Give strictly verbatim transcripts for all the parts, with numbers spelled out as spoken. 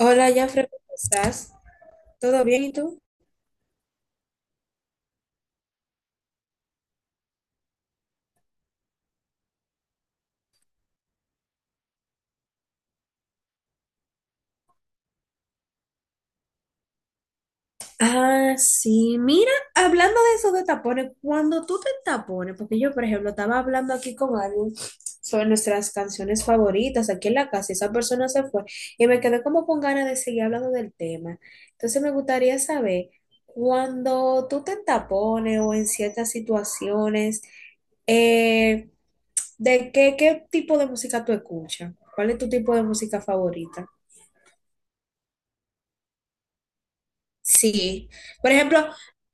Hola, Jafre, ¿cómo estás? ¿Todo bien y tú? Ah, sí, mira, hablando de eso de tapones, cuando tú te tapones, porque yo, por ejemplo, estaba hablando aquí con alguien sobre nuestras canciones favoritas aquí en la casa, y esa persona se fue y me quedé como con ganas de seguir hablando del tema. Entonces me gustaría saber, cuando tú te tapones o en ciertas situaciones, eh, ¿de qué, qué tipo de música tú escuchas? ¿Cuál es tu tipo de música favorita? Sí, por ejemplo,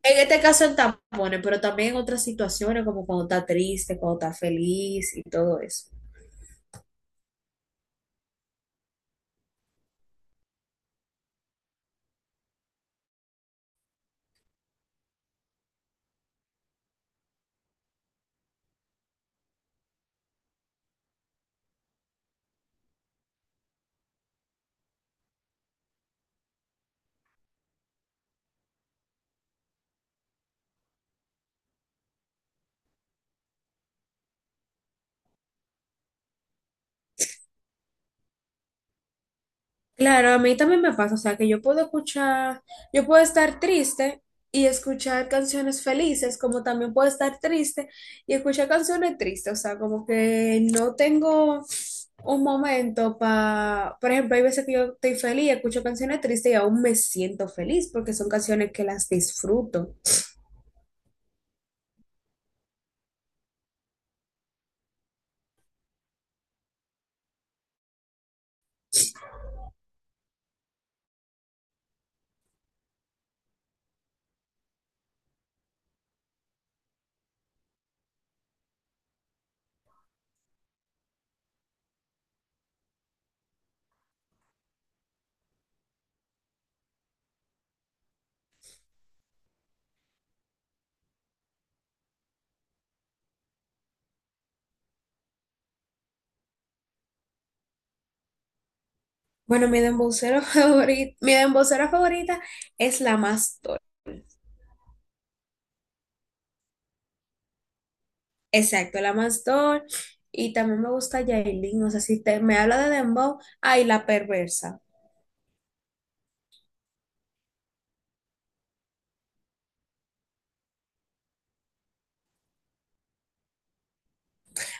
en este caso en tampones, pero también en otras situaciones como cuando está triste, cuando está feliz y todo eso. Claro, a mí también me pasa, o sea, que yo puedo escuchar, yo puedo estar triste y escuchar canciones felices, como también puedo estar triste y escuchar canciones tristes, o sea, como que no tengo un momento para, por ejemplo, hay veces que yo estoy feliz, escucho canciones tristes y aún me siento feliz porque son canciones que las disfruto. Bueno, mi dembocera favorita, mi dembocera favorita es la Mastor. Exacto, la Mastor. Y también me gusta Yailin. O sea, si te, me habla de Dembow, ay, la perversa.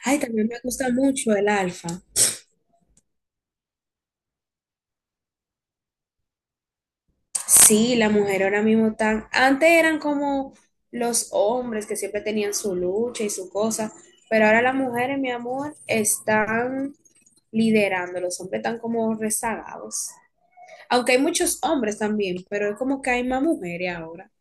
Ay, también me gusta mucho el Alfa. Sí, la mujer ahora mismo tan. Antes eran como los hombres que siempre tenían su lucha y su cosa. Pero ahora las mujeres, mi amor, están liderando. Los hombres están como rezagados. Aunque hay muchos hombres también, pero es como que hay más mujeres ahora.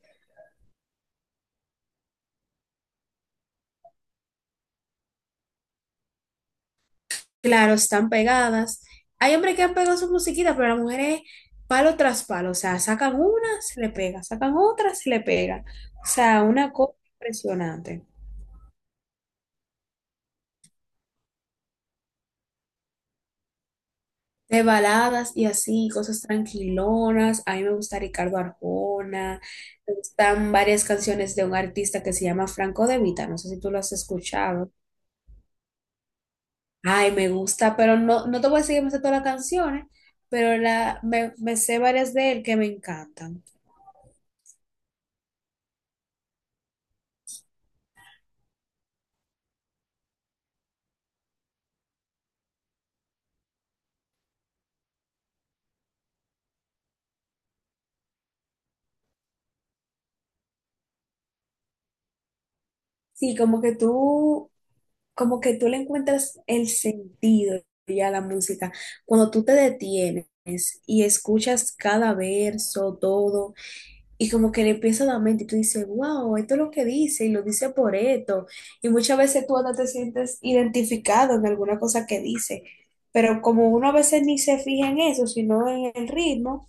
Claro, están pegadas. Hay hombres que han pegado su musiquita, pero las mujeres palo tras palo. O sea, sacan una, se le pega, sacan otra, se le pega. O sea, una cosa impresionante. De baladas y así, cosas tranquilonas. A mí me gusta Ricardo Arjona. Me gustan varias canciones de un artista que se llama Franco De Vita. No sé si tú lo has escuchado. Ay, me gusta, pero no, no te voy a decir que me sé todas las canciones, pero la, me, me sé varias de él que me encantan. Sí, como que tú, como que tú le encuentras el sentido ya a la música. Cuando tú te detienes y escuchas cada verso, todo, y como que le empieza a dar mente y tú dices, wow, esto es lo que dice y lo dice por esto. Y muchas veces tú hasta te sientes identificado en alguna cosa que dice. Pero como uno a veces ni se fija en eso, sino en el ritmo,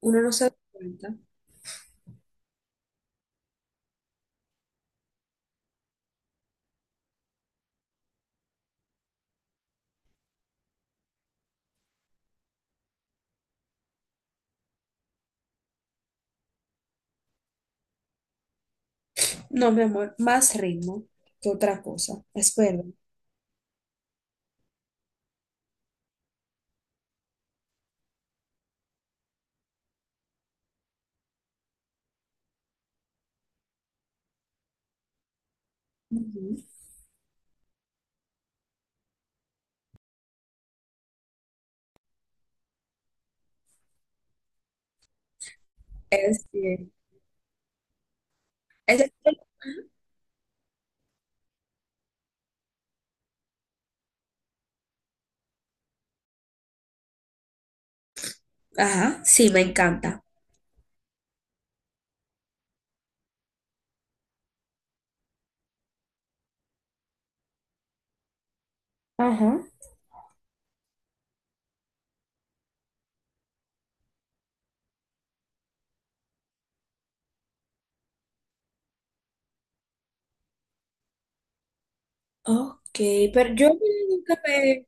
uno no se da cuenta. No, mi amor, más ritmo que otra cosa. Es verdad. Ujú. Es bien. Es- Ajá, sí, me encanta. Ajá. Ok, pero yo nunca me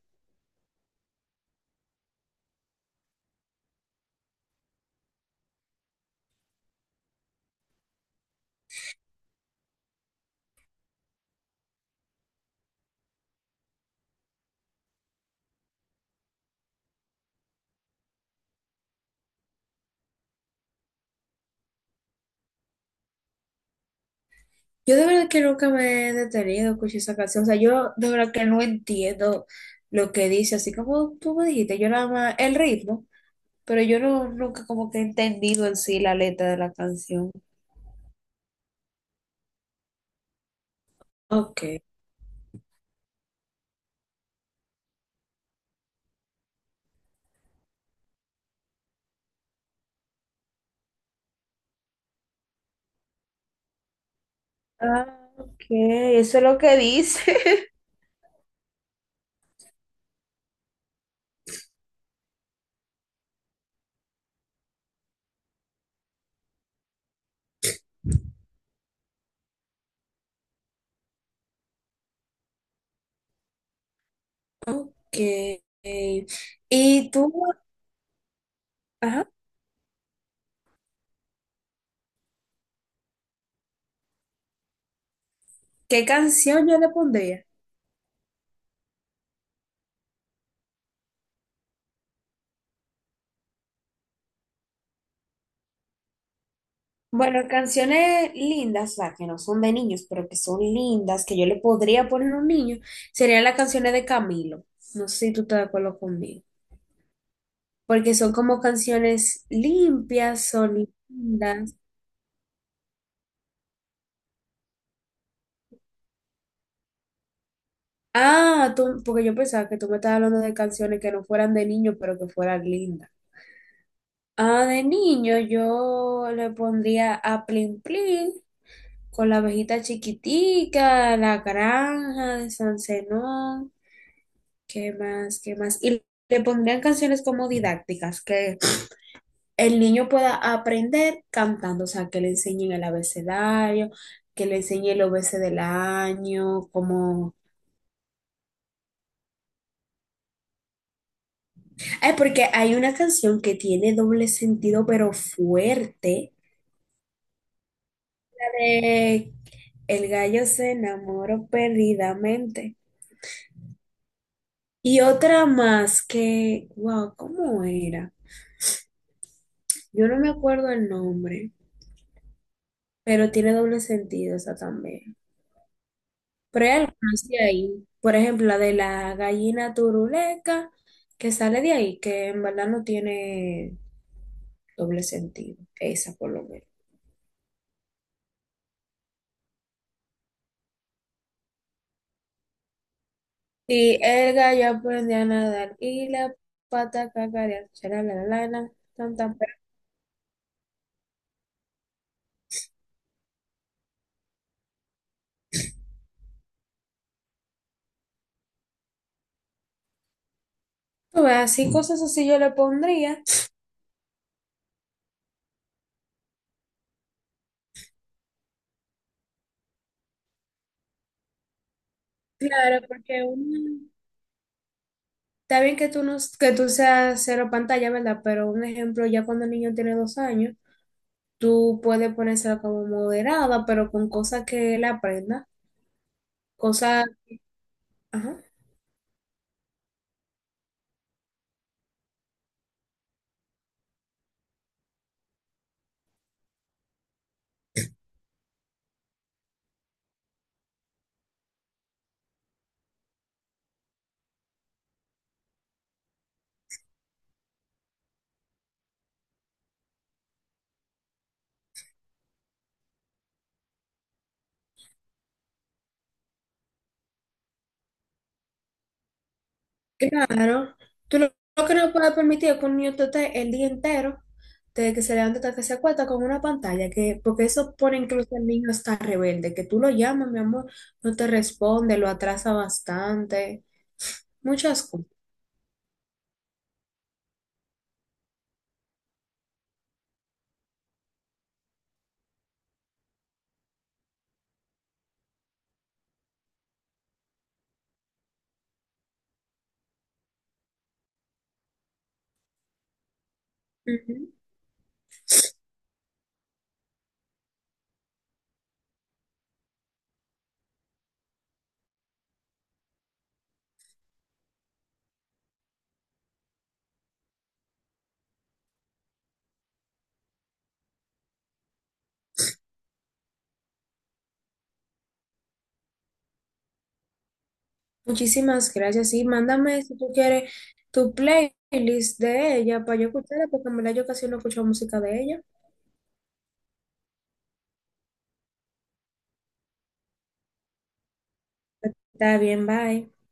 Yo de verdad que nunca me he detenido a escuchar esa canción. O sea, yo de verdad que no entiendo lo que dice. Así como tú me dijiste, yo nada más el ritmo, pero yo no, nunca como que he entendido en sí la letra de la canción. Ok. Ah, ok, eso es lo que dice. Ok. ¿Y tú, ajá, ¿qué canción yo le pondría? Bueno, canciones lindas, o sea, que no son de niños, pero que son lindas, que yo le podría poner a un niño, serían las canciones de Camilo. No sé si tú estás de acuerdo conmigo. Porque son como canciones limpias, son lindas. Ah, tú, porque yo pensaba que tú me estabas hablando de canciones que no fueran de niño, pero que fueran lindas. Ah, de niño yo le pondría a Plin Plin con la abejita chiquitica, la granja de San Zenón. ¿Qué más? ¿Qué más? Y le pondrían canciones como didácticas, que el niño pueda aprender cantando, o sea, que le enseñen el abecedario, que le enseñe el obese del año, como... Ay, porque hay una canción que tiene doble sentido, pero fuerte. La de El gallo se enamoró perdidamente. Y otra más que, wow, ¿cómo era? Yo no me acuerdo el nombre, pero tiene doble sentido esa también. Pero hay algunas de ahí, por ejemplo, la de la gallina turuleca, que sale de ahí, que en verdad no tiene doble sentido, esa por lo menos. Y el gallo aprendió a nadar y la pata cacarear, será la lana, tan, tan, pero tú ves, así cosas así yo le pondría. Claro, porque un- está bien que tú, no, que tú seas cero pantalla, ¿verdad? Pero un ejemplo, ya cuando el niño tiene dos años, tú puedes ponérsela como moderada, pero con cosas que él aprenda. Cosas, ajá, claro. Tú lo, lo que no puedes permitir es que un niño te esté el día entero, desde que se levanta hasta que se acuesta con una pantalla, que, porque eso pone incluso al niño hasta rebelde, que tú lo llamas, mi amor, no te responde, lo atrasa bastante, muchas cosas. Ujú. Muchísimas gracias. Y mándame si tú quieres tu playlist de ella para yo escucharla, porque en verdad yo casi no escucho música de ella. Está bien, bye.